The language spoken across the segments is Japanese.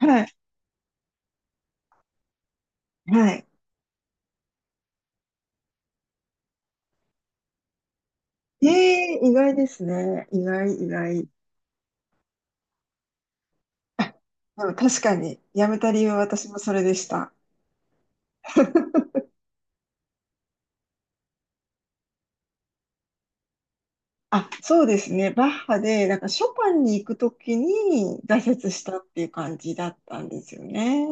はい。はい。意外ですね。意外、意外。あ、でも確かに、やめた理由は私もそれでした。あ、そうですね。バッハで、なんかショパンに行くときに挫折したっていう感じだったんですよね。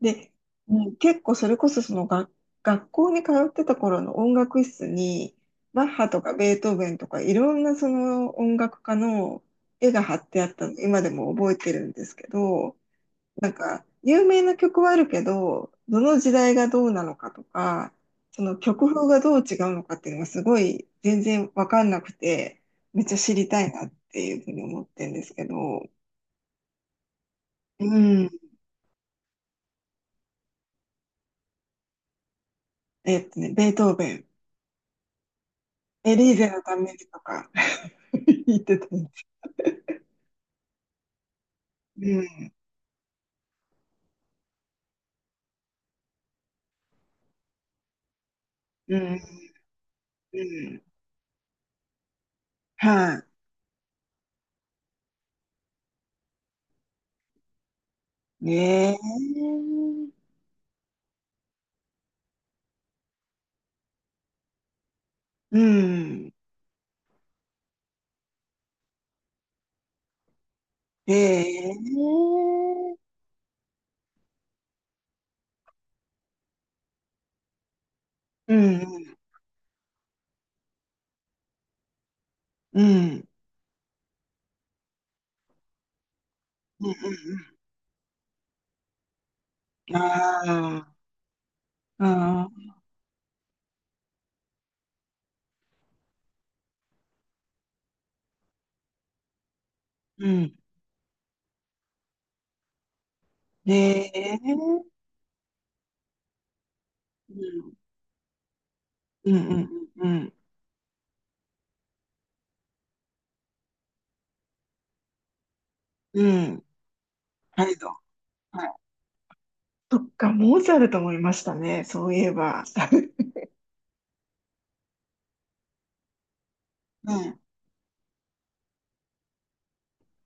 で、うん、結構それこそその学校に通ってた頃の音楽室に、バッハとかベートーベンとかいろんなその音楽家の絵が貼ってあったの、今でも覚えてるんですけど、なんか、有名な曲はあるけど、どの時代がどうなのかとか、その曲風がどう違うのかっていうのがすごい全然わかんなくて、めっちゃ知りたいなっていうふうに思ってるんですけど、うん。ベートーベン、エリーゼのためにとか 言ってたんです。うん、うん、うん。はい。ねえ。うん。ええ。うん、うん、うん、うん、うん。うん、ああ。あー、うん。ええ、うん、うん、うん、うん、うん。うん。あれ、はい。とか、モーツァルトもいましたね、そういえば。うん。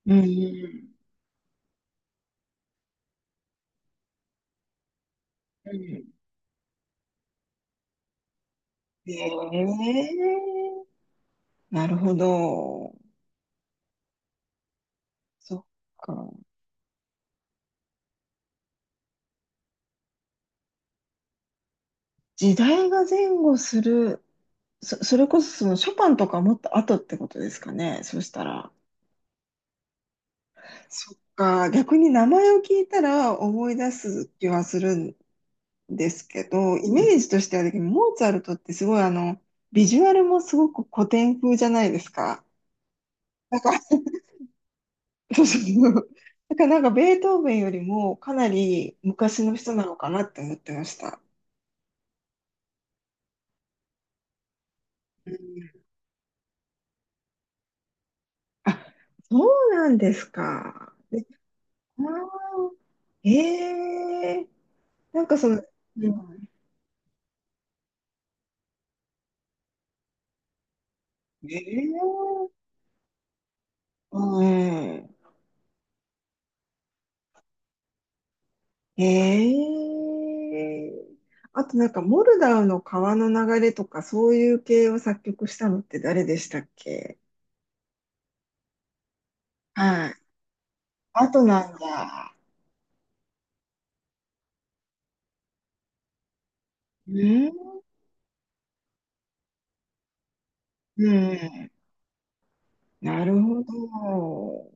うん、うん、うん。ええ、なるほど。そっか。時代が前後する、それこそそのショパンとかもっと後ってことですかね、そしたら。そっか、逆に名前を聞いたら思い出す気はするですけど、イメージとしてはだけど、モーツァルトってすごいビジュアルもすごく古典風じゃないですか。なんか、そうそうそう。だからなんかベートーベンよりもかなり昔の人なのかなって思ってました。うん。あ、そうなんですか。で、あーえー、なんかその、うん、えー、うん、ええ、あとなんか、モルダウの川の流れとか、そういう系を作曲したのって誰でしたっけ？はい。あとなんだ。うん、うん、なるほど。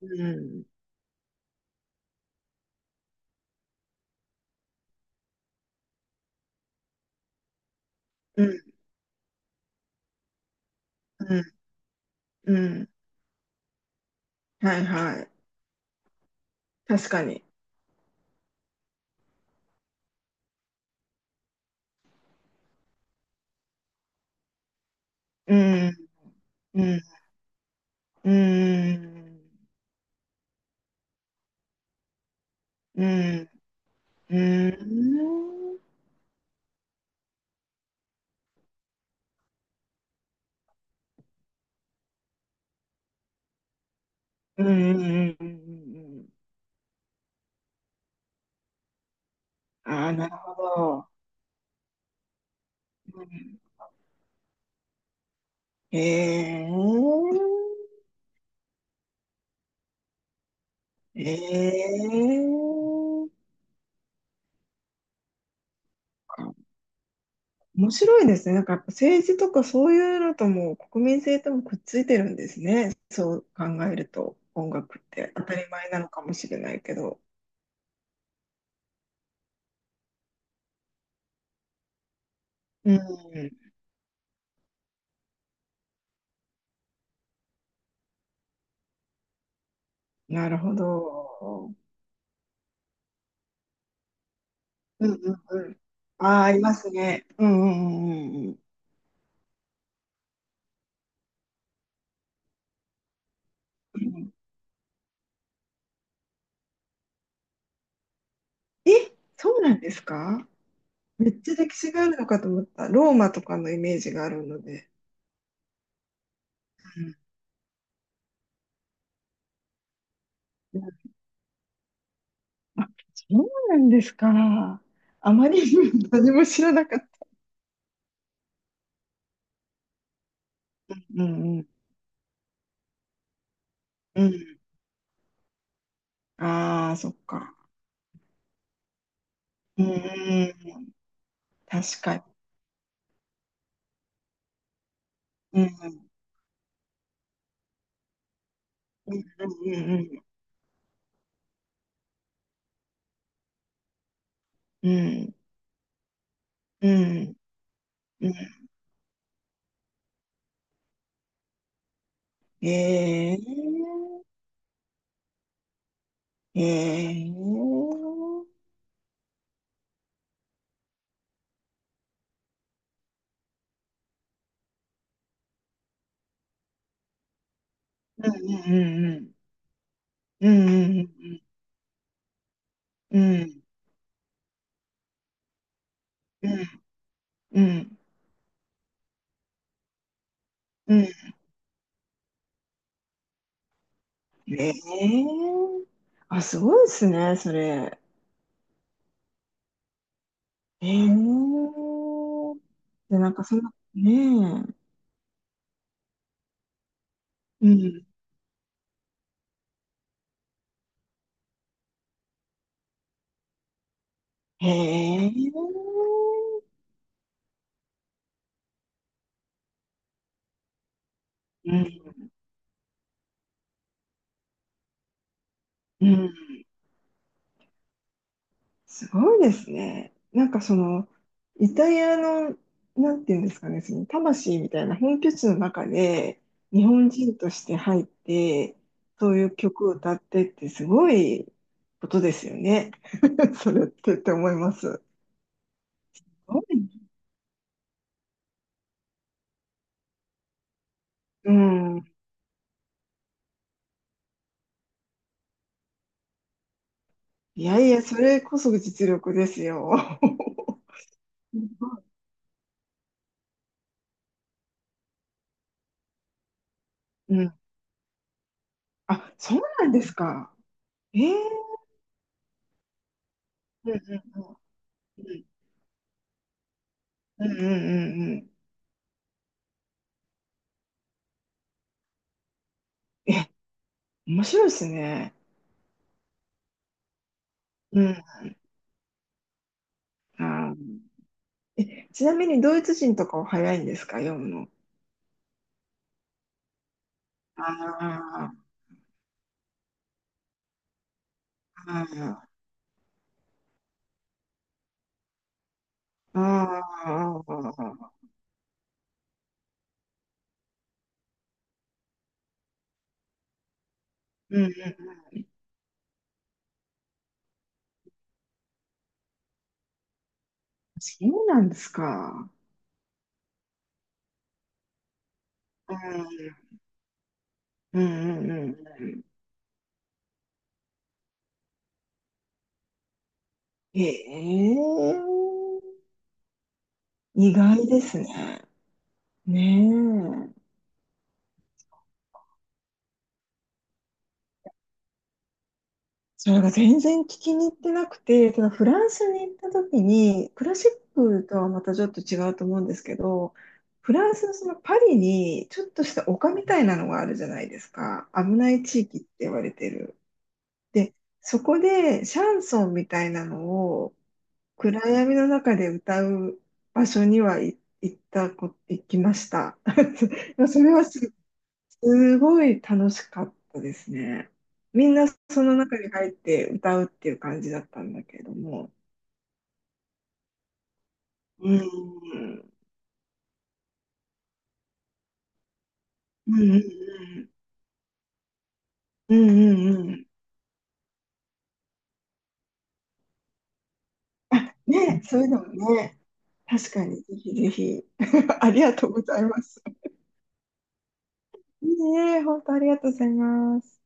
うん。うん、うん、うん。はい、はい。確かに。うん、うん、うん、うん、うん、うん、うん、うん、うん、うん、うん。ああ、なるほど。うん、へえ、ええ、面白いですね。なんかやっぱ政治とかそういうのとも国民性ともくっついてるんですね。そう考えると音楽って当たり前なのかもしれないけど。うん。なるほど。うん、うん、うん。ああ、ありますね。うん、うん、うん、うん、うん。え、そうなんですか？めっちゃ歴史があるのかと思った。ローマとかのイメージがあるので。あ、そうなんですか。あまり 何も知らなかった。うん、うん。うん。ああ、そっか。うん、うん。確かに。うん、うん。うん、うん、うん。うん。うん、うん。ええ、ええ、うん、うん、うん、うん。うん、うん、うん、うん。うん、うん、うん。うん、ええ、あ、すごいですね、それ。ええ、で、なんかそんな、ねえ。うん。へえ。うん。うん。すごいですね。なんかその、イタリアの、なんていうんですかね、その魂みたいな本拠地の中で、日本人として入って、そういう曲を歌ってってすごいことですよね。それってって思います。すごい。うん。いやいや、それこそ実力ですよ。すごい。うん。あ、そうなんですか。ええ、うん、うん、うん。うん、うん、うん、うん、うん。え、面白いですね。うん。あー、え、ちなみにドイツ人とかは早いんですか、読むの。ああ、ああ、ああ、うん、うん、そうなんですか。うん、うん、うん、うん。ええ、意外ですね。ねえ。それが全然聞きに行ってなくて、そのフランスに行った時に、クラシックとはまたちょっと違うと思うんですけど、フランスのそのパリにちょっとした丘みたいなのがあるじゃないですか。危ない地域って言われてる。で、そこでシャンソンみたいなのを暗闇の中で歌う場所に、はい、行きました。それはすごい楽しかったですね。みんなその中に入って歌うっていう感じだったんだけれども。うん。うん、うん、うん。うん、うん、うん。あ、ね、そういうのもね、確かにぜひぜひ。ありがとうございます。いいね、本当ありがとうございます。